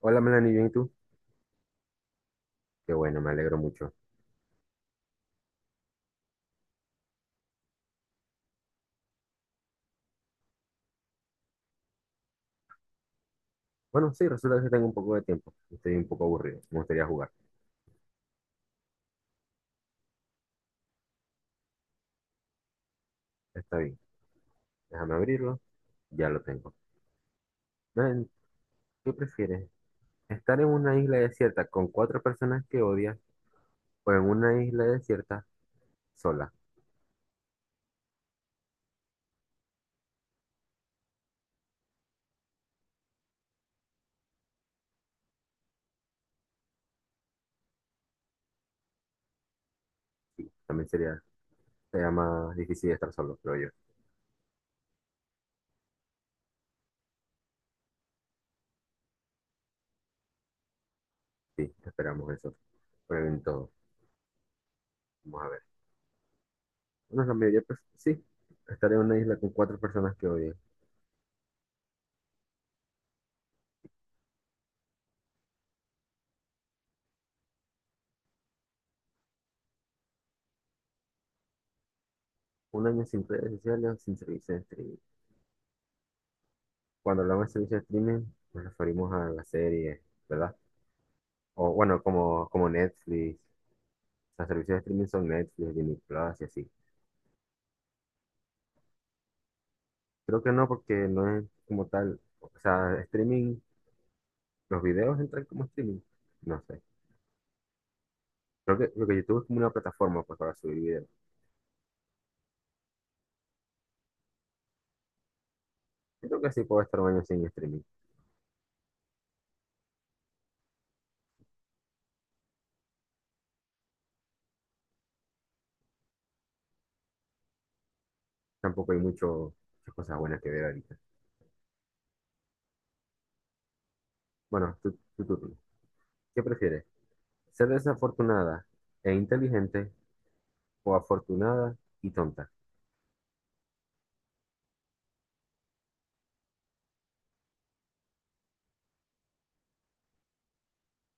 Hola Melanie, ¿bien y tú? Qué bueno, me alegro mucho. Bueno, sí, resulta que sí tengo un poco de tiempo. Estoy un poco aburrido. Me gustaría jugar. Está bien. Déjame abrirlo. Ya lo tengo. Melanie, ¿qué prefieres? ¿Estar en una isla desierta con cuatro personas que odias o en una isla desierta sola? Sí, también sería más difícil estar solo, creo yo. Sí, esperamos eso. Prueben todo. Vamos a ver. Bueno, la mayoría, pues, sí. Estar en una isla con cuatro personas que odias. Un año sin redes sociales, sin servicios Cuando hablamos de servicio de streaming, nos referimos a las series, ¿verdad? O bueno, como Netflix. Los servicios de streaming son Netflix, Disney Plus y así. Creo que no, porque no es como tal. O sea, streaming, los videos entran como streaming. No sé. Creo que YouTube es como una plataforma pues, para subir videos. Yo creo que sí puedo estar un año sin streaming. Tampoco hay muchas cosas buenas que ver ahorita. Bueno, tú, tú, tú, tú. ¿Qué prefieres? ¿Ser desafortunada e inteligente o afortunada y tonta?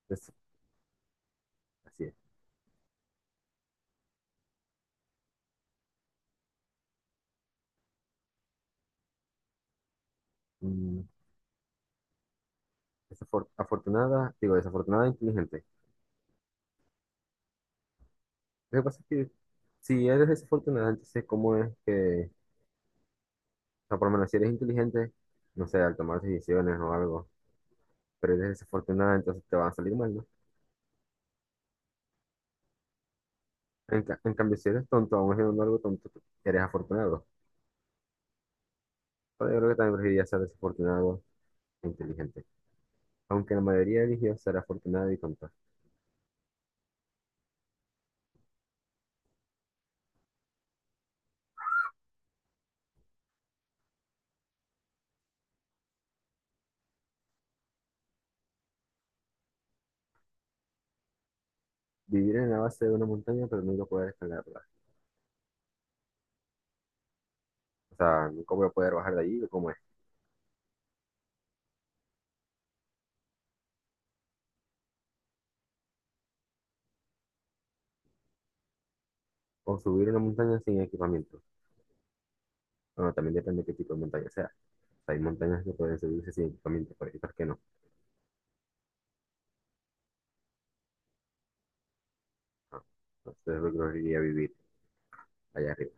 Es- así es. Mm, afortunada, digo, desafortunada e inteligente. Lo que pasa es que si eres desafortunada, entonces, ¿cómo es que, o sea, por lo menos si eres inteligente, no sé, al tomar decisiones o algo, pero eres desafortunada, entonces te van a salir mal, ¿no? En cambio, si eres tonto, aún haciendo algo tonto, tú eres afortunado. Pero yo creo que también preferiría ser desafortunado e inteligente. Aunque la mayoría eligió ser afortunado y tonto. Vivir en la base de una montaña, pero nunca poder escalarla. O sea, nunca voy a poder bajar de allí, o ¿cómo es? O subir una montaña sin equipamiento. Bueno, también depende de qué tipo de montaña sea. O sea, hay montañas que pueden subirse sin equipamiento, pero hay otras que no. Ah, entonces yo creo a vivir allá arriba.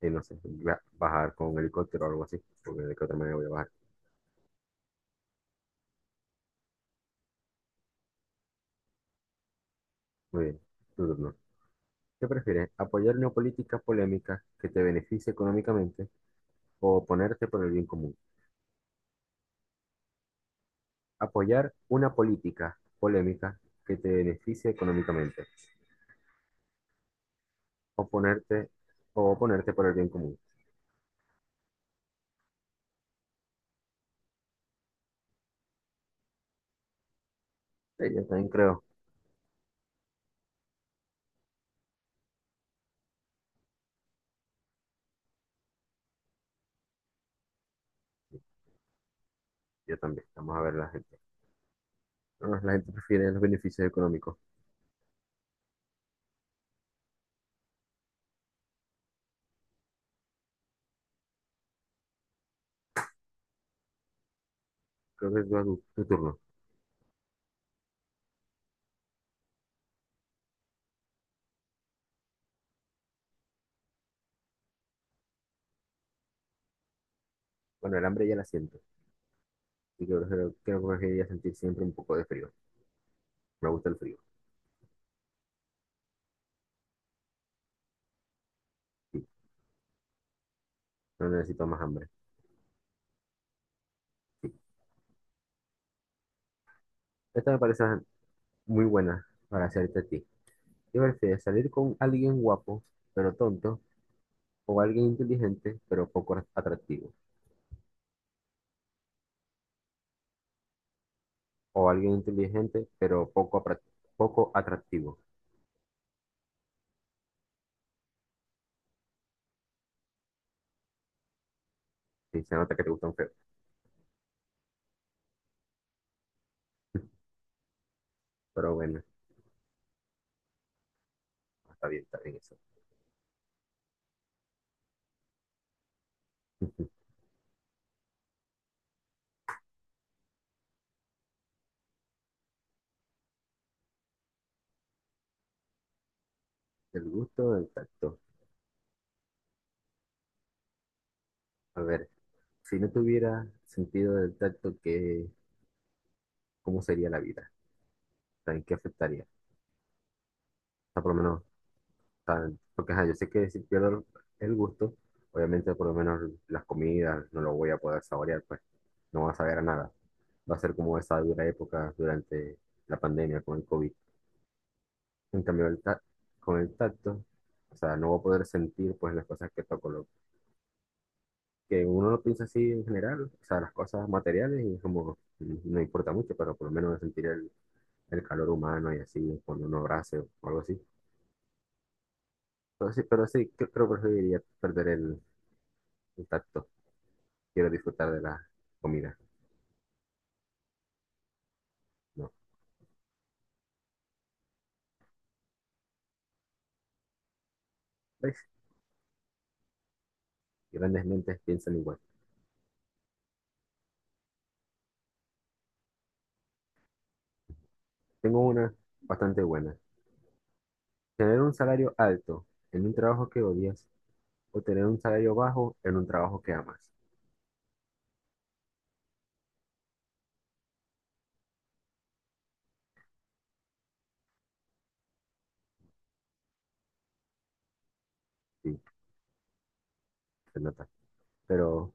Y no sé, bajar con un helicóptero o algo así, porque de qué otra manera voy a bajar. Muy bien, tu turno. ¿Qué prefieres? ¿Apoyar una política polémica que te beneficie económicamente o oponerte por el bien común? Apoyar una política polémica que te beneficie económicamente. Oponerte o oponerte por el bien común. Sí, yo también creo. Yo también. Vamos a ver la gente. No, la gente prefiere los beneficios económicos. Creo que es tu turno. Bueno, el hambre ya la siento. Y creo que preferiría sentir siempre un poco de frío. Me gusta el frío. Sí, no necesito más hambre. Sí. Esta me parece muy buena para hacerte a ti. ¿Qué prefieres, salir con alguien guapo, pero tonto? ¿O alguien inteligente, pero poco atractivo? ¿O alguien inteligente, pero poco atractivo? Sí, se nota que te gustan feo. Pero bueno, está bien eso. El gusto del tacto. A ver. Si no tuviera sentido del tacto, ¿cómo sería la vida? O ¿En qué afectaría? O sea, por lo menos, o sea, porque ajá, yo sé que si pierdo el gusto, obviamente por lo menos las comidas no lo voy a poder saborear, pues no va a saber a nada. Va a ser como esa dura época durante la pandemia con el COVID. En cambio, con el tacto, o sea, no voy a poder sentir pues las cosas que toco. Lo que uno lo piensa así en general, o sea, las cosas materiales y es como no importa mucho, pero por lo menos sentir el calor humano y así, cuando uno abrace o algo así. Pero sí, creo que preferiría perder el tacto. Quiero disfrutar de la comida. No, ¿ves? Grandes mentes piensan igual. Tengo una bastante buena. Tener un salario alto en un trabajo que odias o tener un salario bajo en un trabajo que amas. Sí, se nota. Pero,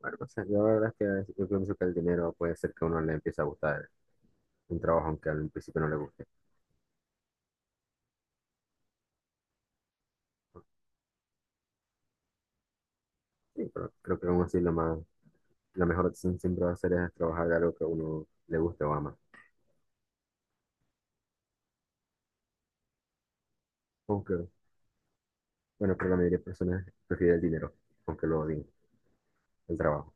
bueno, no sé, yo la verdad es que yo pienso que el dinero puede ser que a uno le empiece a gustar un trabajo aunque al principio no le guste. Sí, pero creo que aún así lo más la mejor opción siempre va a ser es trabajar de algo que a uno le guste o ama. Aunque, bueno, pero la mayoría de personas prefieren el dinero, aunque lo odien, el trabajo.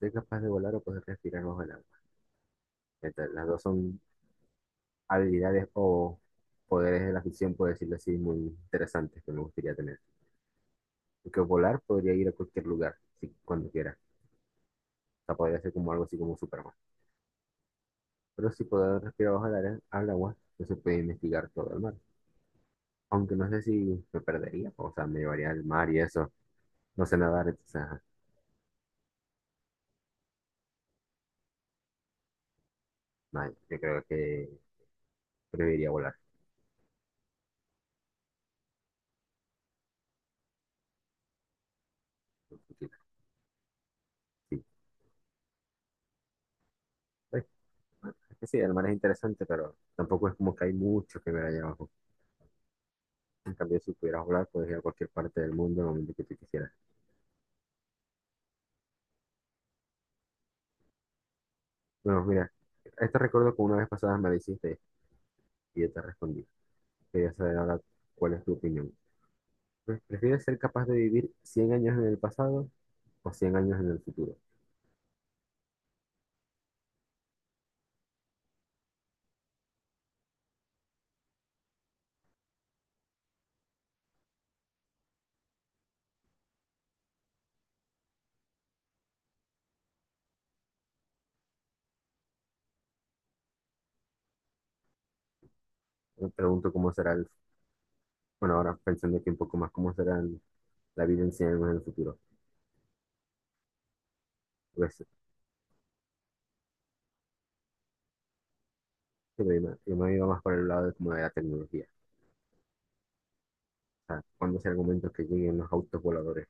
Ser capaz de volar o poder respirar bajo el agua. Las dos son habilidades o poderes de la ficción, por decirlo así, muy interesantes que me gustaría tener. Porque volar podría ir a cualquier lugar, si, cuando quiera. O sea, podría ser como algo así como Superman. Pero si poder respirar bajo al agua, no se puede investigar todo el mar. Aunque no sé si me perdería, o sea, me llevaría al mar y eso. No sé nadar, entonces, ajá. No, yo creo que preferiría volar. Sí, pues, es que sí, el mar es interesante, pero tampoco es como que hay mucho que ver allá abajo. En cambio, si pudieras volar, puedes ir a cualquier parte del mundo en el momento que tú quisieras. Bueno, mira, este recuerdo que una vez pasada me lo hiciste y yo te respondí. Quería saber ahora cuál es tu opinión. Pues, ¿prefieres ser capaz de vivir 100 años en el pasado o 100 años en el futuro? Me pregunto cómo será. Bueno, ahora pensando aquí un poco más, ¿cómo será la vida en 100 años en el futuro? Pues, yo me iba más por el lado de, como de la tecnología sea, cuando ese argumento que lleguen los autos voladores.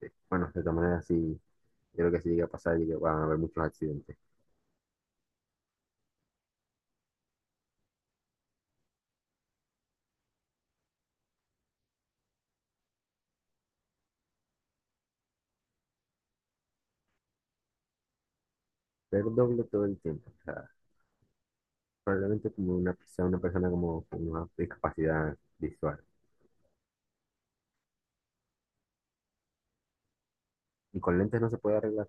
Bueno, de todas maneras, sí, yo creo que si llega a pasar, van a haber muchos accidentes. Pero doble todo el tiempo. O sea, probablemente como una, sea una persona como con una discapacidad visual. Y con lentes no se puede arreglar.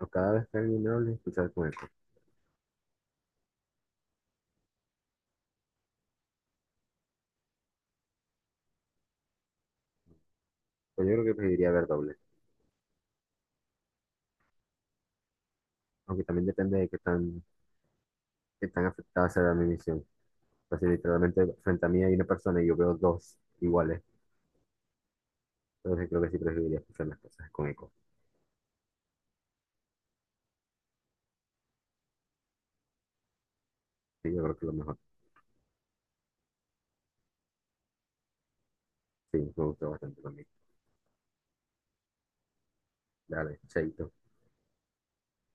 O cada vez que alguien hable, escuchar con eco. Pues yo creo que preferiría ver doble. Aunque también depende de qué tan afectada será mi visión. Pues si literalmente frente a mí hay una persona y yo veo dos iguales, entonces creo que sí preferiría escuchar las cosas con eco. Sí, yo creo que es lo mejor. Sí, me gustó bastante también. Dale, chaito.